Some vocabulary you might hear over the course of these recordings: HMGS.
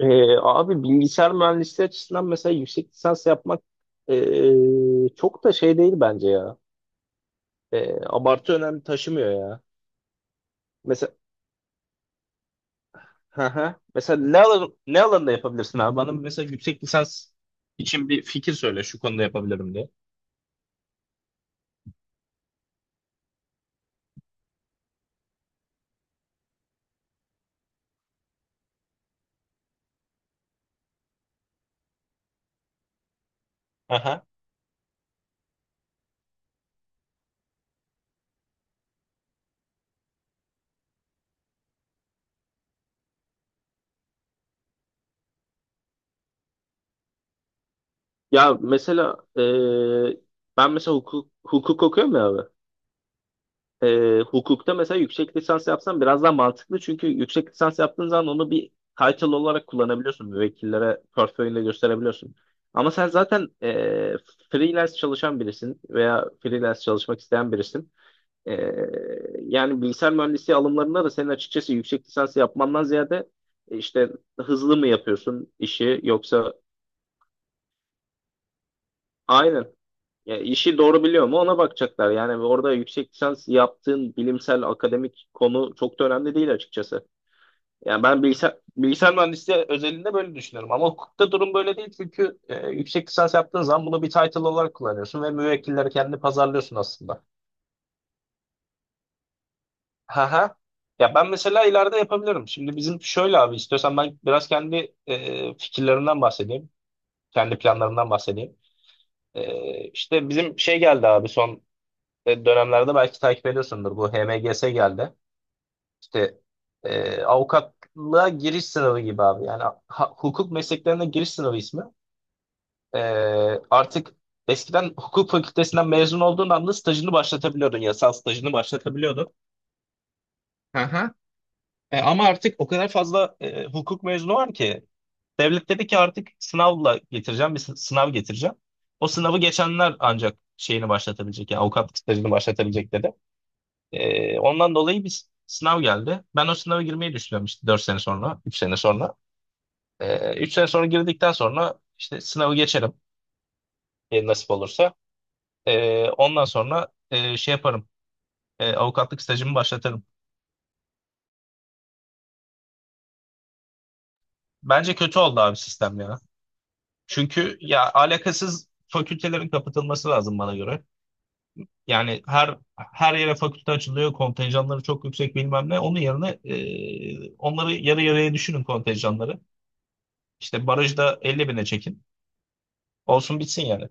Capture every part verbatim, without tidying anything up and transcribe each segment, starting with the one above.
Ee, abi bilgisayar mühendisliği açısından mesela yüksek lisans yapmak ee, çok da şey değil bence ya. Ee, abartı önemli taşımıyor ya. Mesela hı hı. mesela ne alan, ne alanda yapabilirsin abi? Bana mesela yüksek lisans için bir fikir söyle şu konuda yapabilirim diye. Hı hı. Ya mesela ee, ben mesela hukuk, hukuk okuyorum ya abi. E, hukukta mesela yüksek lisans yapsan biraz daha mantıklı. Çünkü yüksek lisans yaptığın zaman onu bir title olarak kullanabiliyorsun. Müvekkillere portföyünde gösterebiliyorsun. Ama sen zaten e, freelance çalışan birisin veya freelance çalışmak isteyen birisin. E, Yani bilgisayar mühendisliği alımlarında da senin açıkçası yüksek lisans yapmandan ziyade e, işte hızlı mı yapıyorsun işi yoksa aynen. Ya işi doğru biliyor mu ona bakacaklar. Yani orada yüksek lisans yaptığın bilimsel akademik konu çok da önemli değil açıkçası. Yani ben bilgisayar, bilgisayar mühendisliği özelinde böyle düşünüyorum. Ama hukukta durum böyle değil çünkü e, yüksek lisans yaptığın zaman bunu bir title olarak kullanıyorsun ve müvekkilleri kendini pazarlıyorsun aslında. Ha ha. Ya ben mesela ileride yapabilirim. Şimdi bizim şöyle abi istiyorsan ben biraz kendi e, fikirlerimden bahsedeyim. Kendi planlarımdan bahsedeyim. E, işte bizim şey geldi abi son e, dönemlerde belki takip ediyorsundur. Bu H M G S geldi. İşte e, avukatlığa giriş sınavı gibi abi. Yani ha- hukuk mesleklerine giriş sınavı ismi. E, artık eskiden hukuk fakültesinden mezun olduğun anda stajını başlatabiliyordun. Yasal stajını başlatabiliyordun. Aha. E, ama artık o kadar fazla e, hukuk mezunu var ki devlet dedi ki artık sınavla getireceğim bir sı- sınav getireceğim. O sınavı geçenler ancak şeyini başlatabilecek yani avukatlık stajını başlatabilecek dedi. Ee, ondan dolayı bir sınav geldi. Ben o sınava girmeyi düşünüyorum işte dört sene sonra, üç sene sonra. Ee, üç sene sonra girdikten sonra işte sınavı geçerim e, nasip olursa. Ee, ondan sonra e, şey yaparım, e, avukatlık stajımı başlatırım. Bence kötü oldu abi sistem ya. Çünkü ya alakasız fakültelerin kapatılması lazım bana göre. Yani her her yere fakülte açılıyor, kontenjanları çok yüksek bilmem ne. Onun yerine e, onları yarı yarıya düşünün kontenjanları. İşte barajda elli bine çekin. Olsun bitsin yani.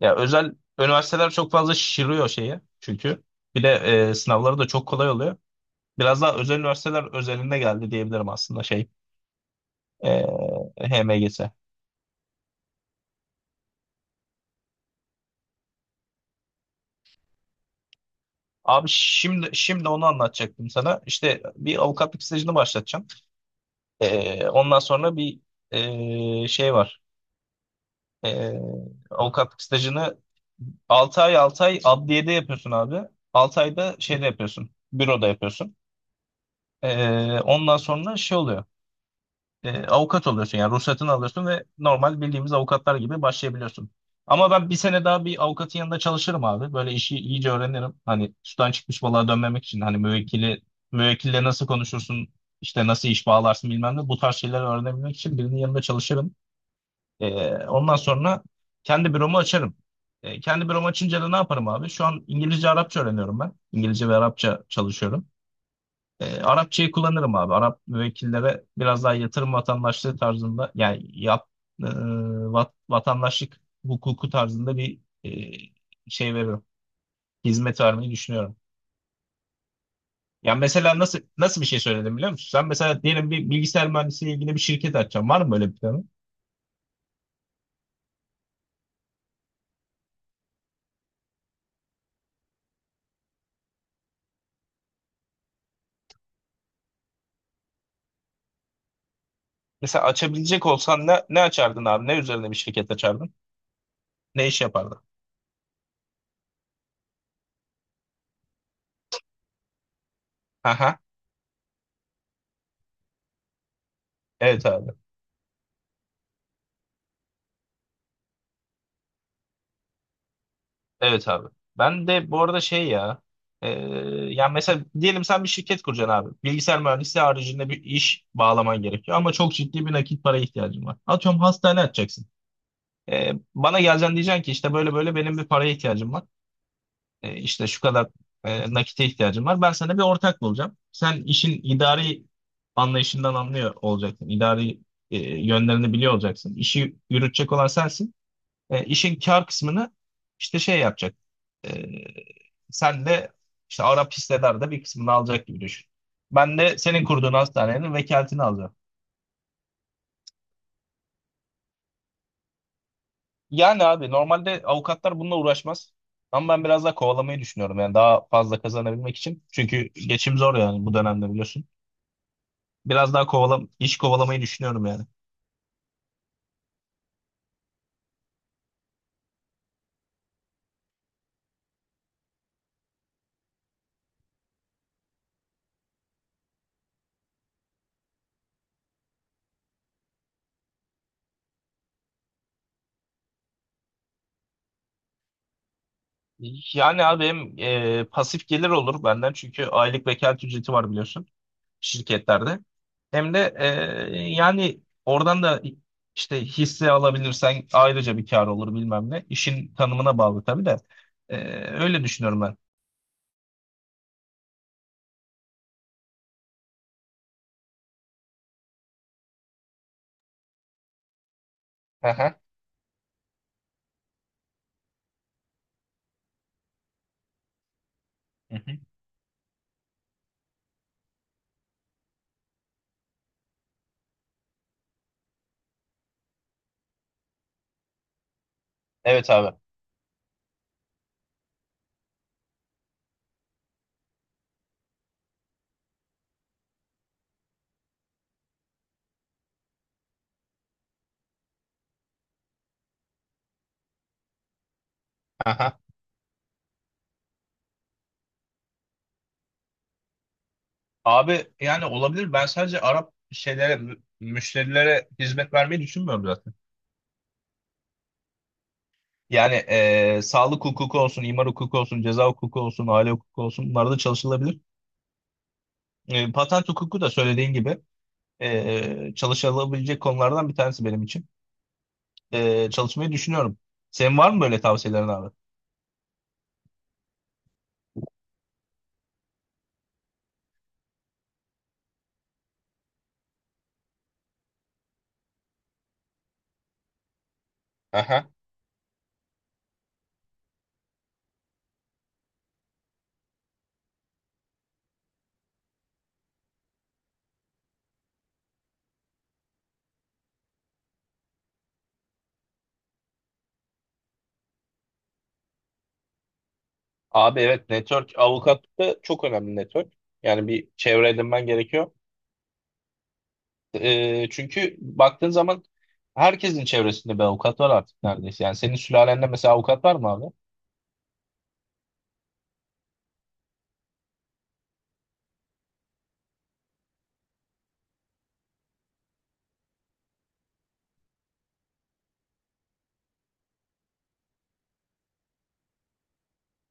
Ya özel üniversiteler çok fazla şişiriyor şeyi çünkü. Bir de e, sınavları da çok kolay oluyor. Biraz daha özel üniversiteler özelinde geldi diyebilirim aslında şey e, H M G S. Abi şimdi şimdi onu anlatacaktım sana. İşte bir avukatlık stajını başlatacağım. E, ondan sonra bir e, şey var. E, Avukatlık stajını altı ay altı ay adliyede yapıyorsun abi. altı ayda şeyde yapıyorsun. Büroda yapıyorsun. E, ondan sonra şey oluyor. E, avukat oluyorsun yani ruhsatını alıyorsun ve normal bildiğimiz avukatlar gibi başlayabiliyorsun. Ama ben bir sene daha bir avukatın yanında çalışırım abi. Böyle işi iyice öğrenirim. Hani sudan çıkmış balığa dönmemek için hani müvekkili müvekkille nasıl konuşursun, işte nasıl iş bağlarsın bilmem ne bu tarz şeyleri öğrenebilmek için birinin yanında çalışırım. E, ondan sonra kendi büromu açarım. E, kendi büromu açınca da ne yaparım abi? Şu an İngilizce, Arapça öğreniyorum ben. İngilizce ve Arapça çalışıyorum. E, Arapçayı kullanırım abi. Arap müvekkillere biraz daha yatırım vatandaşlığı tarzında yani yap, e, vat- vatandaşlık hukuku tarzında bir e, şey veririm. Hizmet vermeyi düşünüyorum. Yani mesela nasıl nasıl bir şey söyledim biliyor musun? Sen mesela diyelim bir bilgisayar mühendisliğiyle ilgili bir şirket açacaksın. Var mı böyle bir planın? Mesela açabilecek olsan ne, ne açardın abi? Ne üzerine bir şirket açardın? Ne iş yapardın? Aha. Evet abi. Evet abi. Ben de bu arada şey ya e, yani mesela diyelim sen bir şirket kuracaksın abi. Bilgisayar mühendisliği haricinde bir iş bağlaman gerekiyor ama çok ciddi bir nakit paraya ihtiyacın var. Atıyorum hastane açacaksın. E, bana geleceksin diyeceksin ki işte böyle böyle benim bir paraya ihtiyacım var. E, işte şu kadar e, nakite ihtiyacım var. Ben sana bir ortak bulacağım. Sen işin idari anlayışından anlıyor olacaksın. İdari e, yönlerini biliyor olacaksın. İşi yürütecek olan sensin. E, işin kar kısmını işte şey yapacak. E, Sen de işte Arap hissedar bir kısmını alacak gibi düşün. Ben de senin kurduğun hastanenin vekaletini alacağım. Yani abi normalde avukatlar bununla uğraşmaz. Ama ben biraz daha kovalamayı düşünüyorum yani daha fazla kazanabilmek için. Çünkü geçim zor yani bu dönemde biliyorsun. Biraz daha kovalam iş kovalamayı düşünüyorum yani. Yani abi hem e, pasif gelir olur benden çünkü aylık vekalet ücreti var biliyorsun. Şirketlerde. Hem de e, yani oradan da işte hisse alabilirsen ayrıca bir kar olur bilmem ne. İşin tanımına bağlı tabii de. E, Öyle düşünüyorum ben. Aha. Hı hı. Evet abi. Aha. Abi yani olabilir. Ben sadece Arap şeylere, mü- müşterilere hizmet vermeyi düşünmüyorum zaten. Yani e, sağlık hukuku olsun, imar hukuku olsun, ceza hukuku olsun, aile hukuku olsun bunlarda çalışılabilir. E, patent hukuku da söylediğin gibi e, çalışılabilecek konulardan bir tanesi benim için. E, çalışmayı düşünüyorum. Senin var mı böyle tavsiyelerin abi? Aha. Abi evet network avukatlıkta çok önemli network. Yani bir çevre edinmen gerekiyor. Ee, çünkü baktığın zaman herkesin çevresinde bir avukat var artık neredeyse. Yani senin sülalende mesela avukat var mı abi?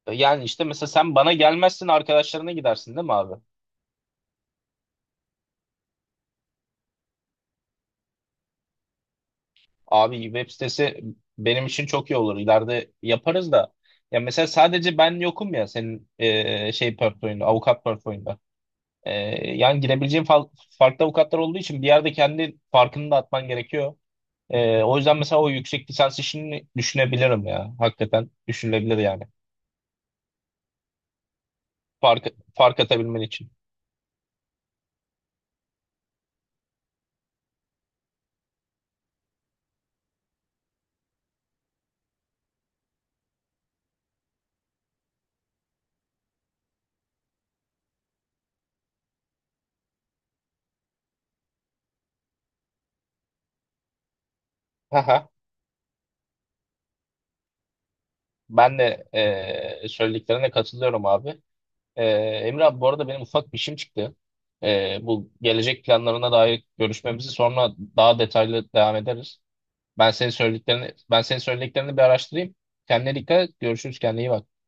Ee, Yani işte mesela sen bana gelmezsin arkadaşlarına gidersin değil mi abi? Abi web sitesi benim için çok iyi olur. İleride yaparız da. Ya mesela sadece ben yokum ya senin ee, şey portföyünde, avukat portföyünde. Ee, Yani girebileceğin fa- farklı avukatlar olduğu için bir yerde kendi farkını da atman gerekiyor. Ee, o yüzden mesela o yüksek lisans işini düşünebilirim ya. Hakikaten düşünülebilir yani. Fark, fark atabilmen için. Haha. Ben de e, söylediklerine katılıyorum abi. E, Emre abi bu arada benim ufak bir işim çıktı. E, bu gelecek planlarına dair görüşmemizi sonra daha detaylı devam ederiz. Ben senin söylediklerini ben senin söylediklerini bir araştırayım. Kendine dikkat et. Görüşürüz. Kendine iyi bak.